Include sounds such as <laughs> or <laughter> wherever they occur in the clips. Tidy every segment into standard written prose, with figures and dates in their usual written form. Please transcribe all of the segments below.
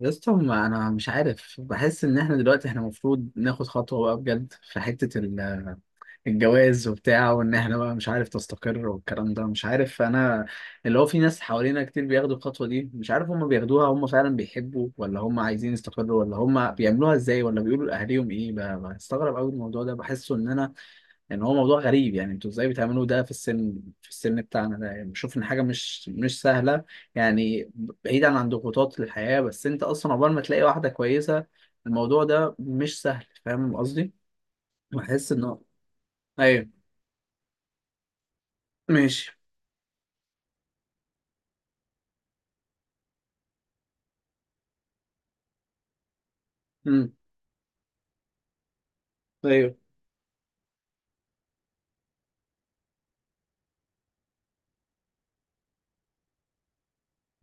يا اسطى ما انا مش عارف، بحس ان احنا دلوقتي احنا المفروض ناخد خطوه بقى بجد في حته الجواز وبتاع، وان احنا بقى مش عارف تستقر والكلام ده مش عارف انا اللي هو في ناس حوالينا كتير بياخدوا الخطوه دي، مش عارف هم بياخدوها هم فعلا بيحبوا، ولا هم عايزين يستقروا، ولا هم بيعملوها ازاي، ولا بيقولوا لاهاليهم ايه. بستغرب قوي الموضوع ده، بحسه ان انا يعني هو موضوع غريب. يعني انتوا ازاي بتعملوا ده في السن، في السن بتاعنا ده، يعني بشوف ان حاجه مش سهله يعني. بعيدا عن ضغوطات الحياه، بس انت اصلا عقبال ما تلاقي واحده كويسه، الموضوع ده مش سهل. فاهم قصدي؟ بحس ان هو ايوه، ماشي. امم. ايوه،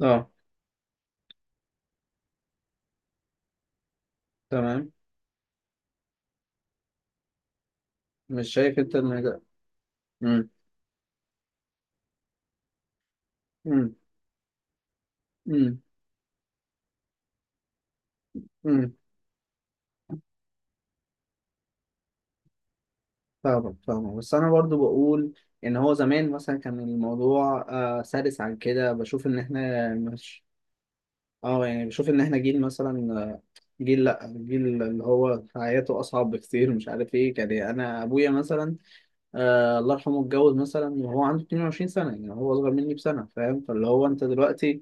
اه، تمام. مش شايف انت ان ده امم. امم. امم. امم. فاهمك فاهمك، بس انا برضو بقول ان هو زمان مثلا كان الموضوع سلس عن كده. بشوف ان احنا مش اه يعني، بشوف ان احنا جيل مثلا، جيل، لا جيل اللي هو حياته اصعب بكتير، مش عارف ايه كان يعني. انا ابويا مثلا، الله يرحمه، اتجوز مثلا وهو عنده 22 سنه، يعني هو اصغر مني بسنه، فاهم؟ فاللي هو انت دلوقتي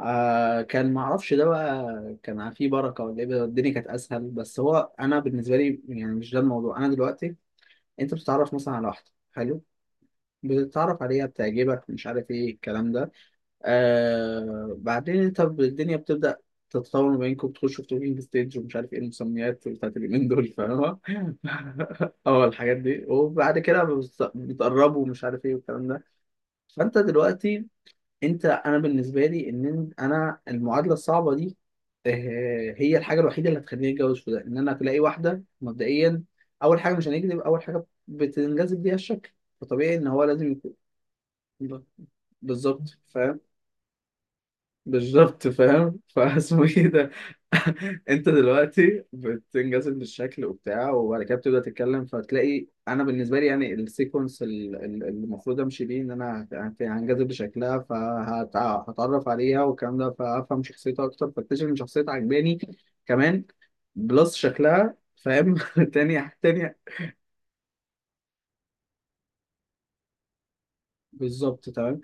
كان ما اعرفش ده بقى، كان فيه بركه، ولا ايه الدنيا كانت اسهل، بس هو انا بالنسبه لي يعني مش ده الموضوع. انا دلوقتي انت بتتعرف مثلا على واحده حلو، بتتعرف عليها، بتعجبك، مش عارف ايه الكلام ده. بعدين انت الدنيا بتبدأ تتطور ما بينكم، بتخشوا في توكينج ستيج ومش عارف ايه المسميات بتاعت اليومين دول، فاهمة؟ <laughs> اه الحاجات دي، وبعد كده بتقربوا، ومش عارف ايه والكلام ده. فانت دلوقتي انت انا بالنسبة لي ان انا المعادلة الصعبة دي، هي الحاجة الوحيدة اللي هتخليني اتجوز في ده، ان انا تلاقي واحدة مبدئيا. اول حاجة مش هنكذب، اول حاجة بتنجذب ليها الشكل، فطبيعي ان هو لازم يكون بالظبط، فاهم؟ بالظبط فاهم. <laughs> فاسمه ايه ده؟ <laughs> انت دلوقتي بتنجذب للشكل وبتاع، وبعد كده بتبدا تتكلم، فتلاقي انا بالنسبه لي يعني السيكونس اللي المفروض امشي بيه ان انا هنجذب لشكلها، فهتعرف عليها والكلام ده، فافهم شخصيتها اكتر، فاكتشف ان شخصيتها عجباني كمان بلس شكلها، فاهم؟ <laughs> تاني تاني بالظبط، تمام.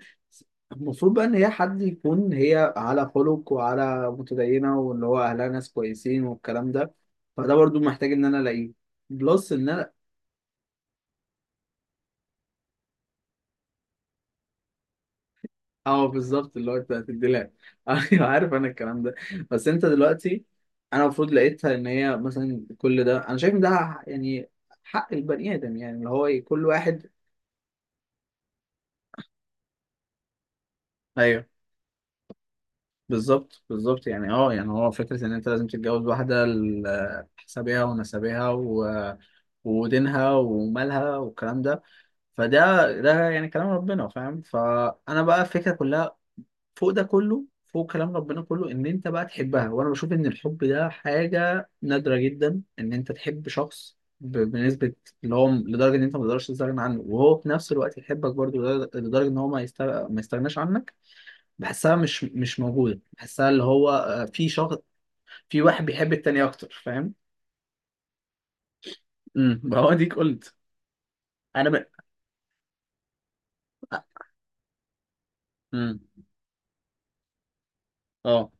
المفروض بقى ان هي حد يكون هي على خلق، وعلى متدينه، واللي هو اهلها ناس كويسين والكلام ده، فده برضو محتاج ان انا الاقيه. بلس ان انا اه بالظبط، اللي هو انت هتدي لها. <laughs> ايوه، عارف انا الكلام ده. بس انت دلوقتي انا المفروض لقيتها ان هي مثلا كل ده، انا شايف ان ده يعني حق البني ادم، يعني اللي هو كل واحد ايوه. بالظبط بالظبط، يعني اه يعني هو فكرة إن أنت لازم تتجوز واحدة حسابها ونسبها و... ودينها ومالها والكلام ده، فده ده يعني كلام ربنا، فاهم؟ فأنا بقى الفكرة كلها فوق ده كله، فوق كلام ربنا كله، إن أنت بقى تحبها. وأنا بشوف إن الحب ده حاجة نادرة جدا، إن أنت تحب شخص بنسبة اللي هو لدرجة إن أنت ما تقدرش تستغنى عنه، وهو في نفس الوقت يحبك برضه لدرجة إن هو ما يستغناش عنك. بحسها مش موجودة، بحسها اللي هو في شخص، في واحد بيحب التاني أكتر، فاهم؟ امم. <laughs> هو ديك قلت أنا امم، اه.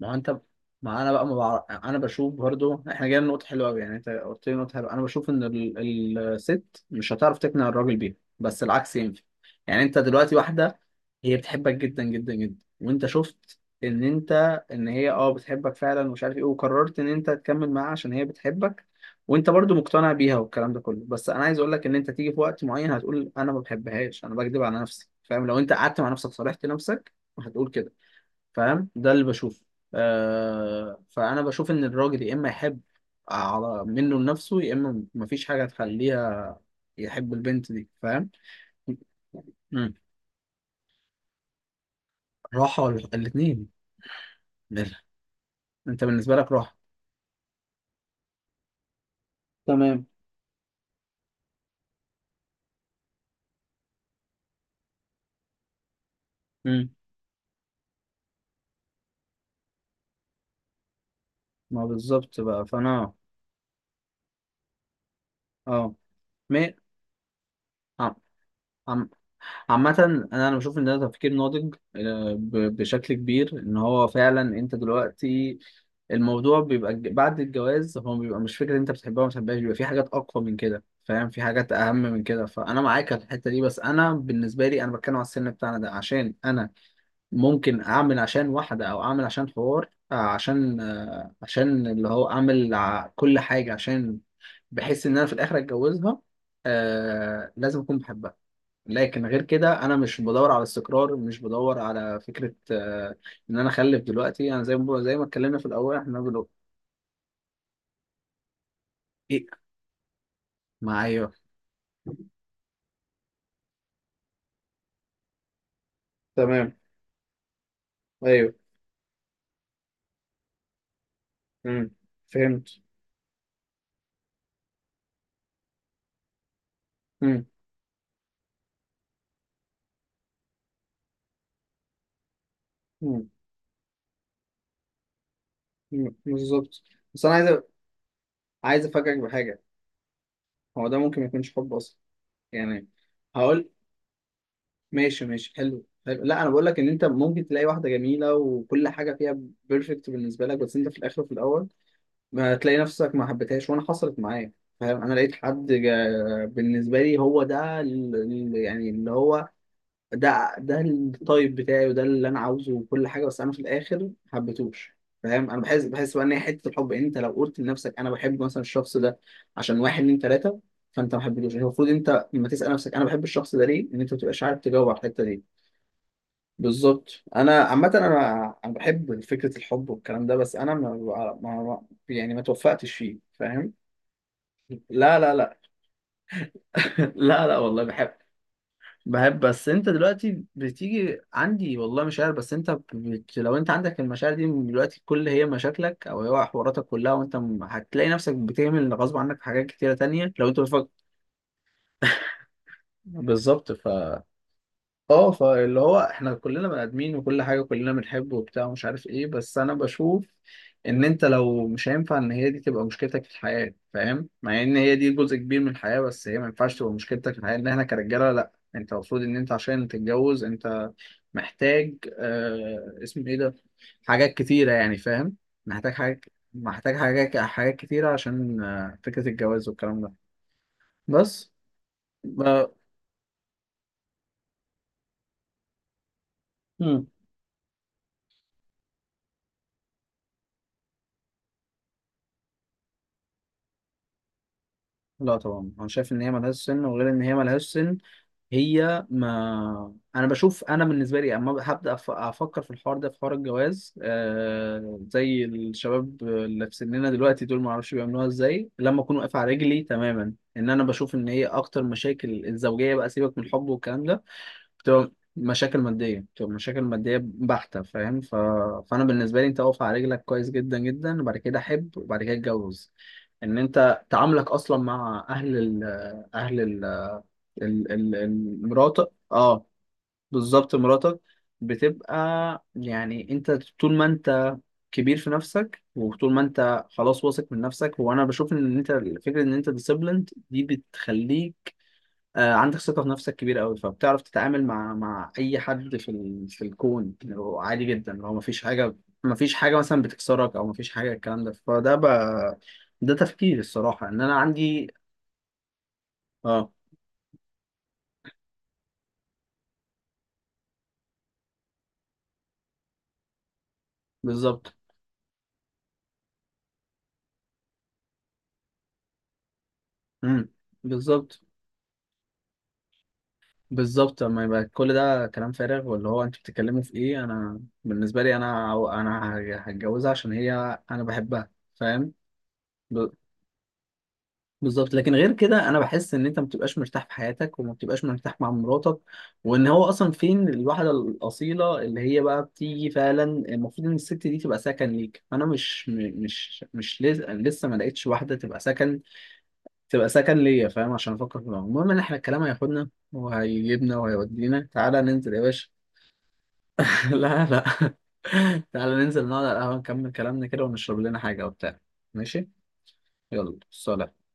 ما هو انت ما انا بقى، ما بعرف انا بشوف برضو احنا جايين نقطة حلوة قوي، يعني انت قلت لي نقطة حلوة. انا بشوف ان الست مش هتعرف تقنع الراجل بيها، بس العكس ينفع. يعني انت دلوقتي واحدة هي بتحبك جدا جدا جدا، وانت شفت ان انت ان هي اه بتحبك فعلا، ومش عارف ايه، وقررت ان انت تكمل معاها عشان هي بتحبك، وانت برضو مقتنع بيها والكلام ده كله. بس انا عايز اقول لك ان انت تيجي في وقت معين هتقول انا ما بحبهاش، انا بكذب على نفسي، فاهم؟ لو انت قعدت مع نفسك، صالحت نفسك، هتقول كده، فاهم؟ ده اللي بشوفه. فانا بشوف ان الراجل يا اما يحب على منه لنفسه، يا اما مفيش حاجه تخليها يحب البنت دي، فاهم؟ مم. راحه ولا الاثنين؟ انت بالنسبه لك راحه، تمام. مم. ما بالظبط بقى، فانا اه مي... آه. عم... عامة، أنا أنا بشوف إن ده تفكير ناضج بشكل كبير، إن هو فعلا أنت دلوقتي الموضوع بيبقى بعد الجواز هو بيبقى مش فكرة أنت بتحبها ولا ما بتحبهاش، بيبقى في حاجات أقوى من كده، فاهم؟ في حاجات أهم من كده، فأنا معاك على الحتة دي. بس أنا بالنسبة لي أنا بتكلم على السن بتاعنا ده، عشان أنا ممكن أعمل عشان واحدة أو أعمل عشان حوار، عشان عشان اللي هو أعمل كل حاجة عشان بحس إن أنا في الآخر أتجوزها، لازم أكون بحبها. لكن غير كده انا مش بدور على استقرار، مش بدور على فكره ان انا اخلف دلوقتي. انا زي ما اتكلمنا في الاول، احنا بنقول ايه معايا؟ تمام، ايوه. امم. فهمت. امم. امم. أمم، بالظبط. بس انا عايز عايز افاجئك بحاجه. هو ده ممكن ما يكونش حب اصلا يعني. هقول ماشي ماشي، حلو حلو، لا انا بقول لك ان انت ممكن تلاقي واحده جميله وكل حاجه فيها بيرفكت بالنسبه لك، بس انت في الاخر وفي الاول ما تلاقي نفسك ما حبيتهاش. وانا حصلت معايا، فاهم؟ انا لقيت حد بالنسبه لي هو ده يعني اللي هو ده ده التايب بتاعي وده اللي انا عاوزه وكل حاجه، بس انا في الاخر ما حبيتهوش، فاهم؟ انا بحس بحس بقى ان هي حته الحب انت لو قلت لنفسك انا بحب مثلا الشخص ده عشان واحد اتنين تلاته، فانت ما حبيتهوش. المفروض انت لما تسال نفسك انا بحب الشخص ده ليه، ان انت ما تبقاش عارف تجاوب على الحته دي. بالظبط. انا عامه انا انا بحب فكره الحب والكلام ده، بس انا ما ما- يعني ما توفقتش فيه، فاهم؟ لا لا لا. <laughs> لا لا والله بحب، بحب. بس انت دلوقتي بتيجي عندي، والله مشاعر، بس انت لو انت عندك المشاعر دي من دلوقتي، كل هي مشاكلك او هي حواراتك كلها، وانت هتلاقي نفسك بتعمل غصب عنك في حاجات كتيره تانية، لو انت بتفكر بالظبط. ف اه فاللي هو احنا كلنا بني ادمين، وكل حاجه كلنا بنحب وبتاع، ومش عارف ايه، بس انا بشوف ان انت لو مش هينفع ان هي دي تبقى مشكلتك في الحياه، فاهم؟ مع ان هي دي جزء كبير من الحياه، بس هي ما ينفعش تبقى مشكلتك في الحياه، ان احنا كرجاله. لا، انت المفروض ان انت عشان تتجوز انت محتاج اسمه ايه ده، حاجات كتيره يعني، فاهم؟ محتاج حاجات، محتاج حاجات، حاجات كتيره عشان فكره الجواز والكلام ده. بس ب... لا طبعا انا شايف ان هي ملهاش سن. وغير ان هي ملهاش سن، هي ما انا بشوف انا بالنسبه لي، اما هبدا افكر في الحوار ده، في حوار الجواز، زي الشباب اللي في سننا دلوقتي دول ما اعرفش بيعملوها ازاي، لما اكون واقف على رجلي تماما. ان انا بشوف ان هي اكتر مشاكل الزوجيه بقى، سيبك من الحب والكلام ده، بتبقى مشاكل مادية، بتبقى مشاكل مادية بحتة، فاهم؟ ف... فأنا بالنسبة لي أنت واقف على رجلك كويس جدا جدا، وبعد كده أحب، وبعد كده أتجوز. إن أنت تعاملك أصلا مع أهل أهل مراتك، أه. بالظبط، مراتك بتبقى يعني أنت طول ما أنت كبير في نفسك، وطول ما أنت خلاص واثق من نفسك، وأنا بشوف إن أنت فكرة إن أنت ديسيبليند دي بتخليك عندك ثقة في نفسك كبيرة قوي، فبتعرف تتعامل مع مع أي حد في في الكون، اللي هو عادي جدا، اللي هو مفيش حاجة، مفيش حاجة مثلا بتكسرك، أو مفيش حاجة الكلام ده، فده ده تفكير الصراحة إن أنا عندي، أه بالظبط. امم. بالظبط بالظبط. اما يبقى كل ده كلام فارغ واللي هو أنتوا بتتكلموا في إيه؟ أنا بالنسبة لي أنا أنا هتجوزها عشان هي أنا بحبها، فاهم؟ بالظبط. لكن غير كده انا بحس ان انت ما بتبقاش مرتاح في حياتك، وما بتبقاش مرتاح مع مراتك، وان هو اصلا فين الواحده الاصيله اللي هي بقى بتيجي فعلا؟ المفروض ان الست دي تبقى سكن ليك، فانا مش م- مش مش لز- لسه ما لقيتش واحده تبقى سكن، تبقى سكن ليا، فاهم؟ عشان افكر في الموضوع. المهم ان احنا الكلام هياخدنا وهيجيبنا وهيودينا، تعالى ننزل يا باشا. <laughs> لا لا. <laughs> تعالى ننزل نقعد على القهوه، نكمل كلامنا كده ونشرب لنا حاجه وبتاع. ماشي، يلا سلام.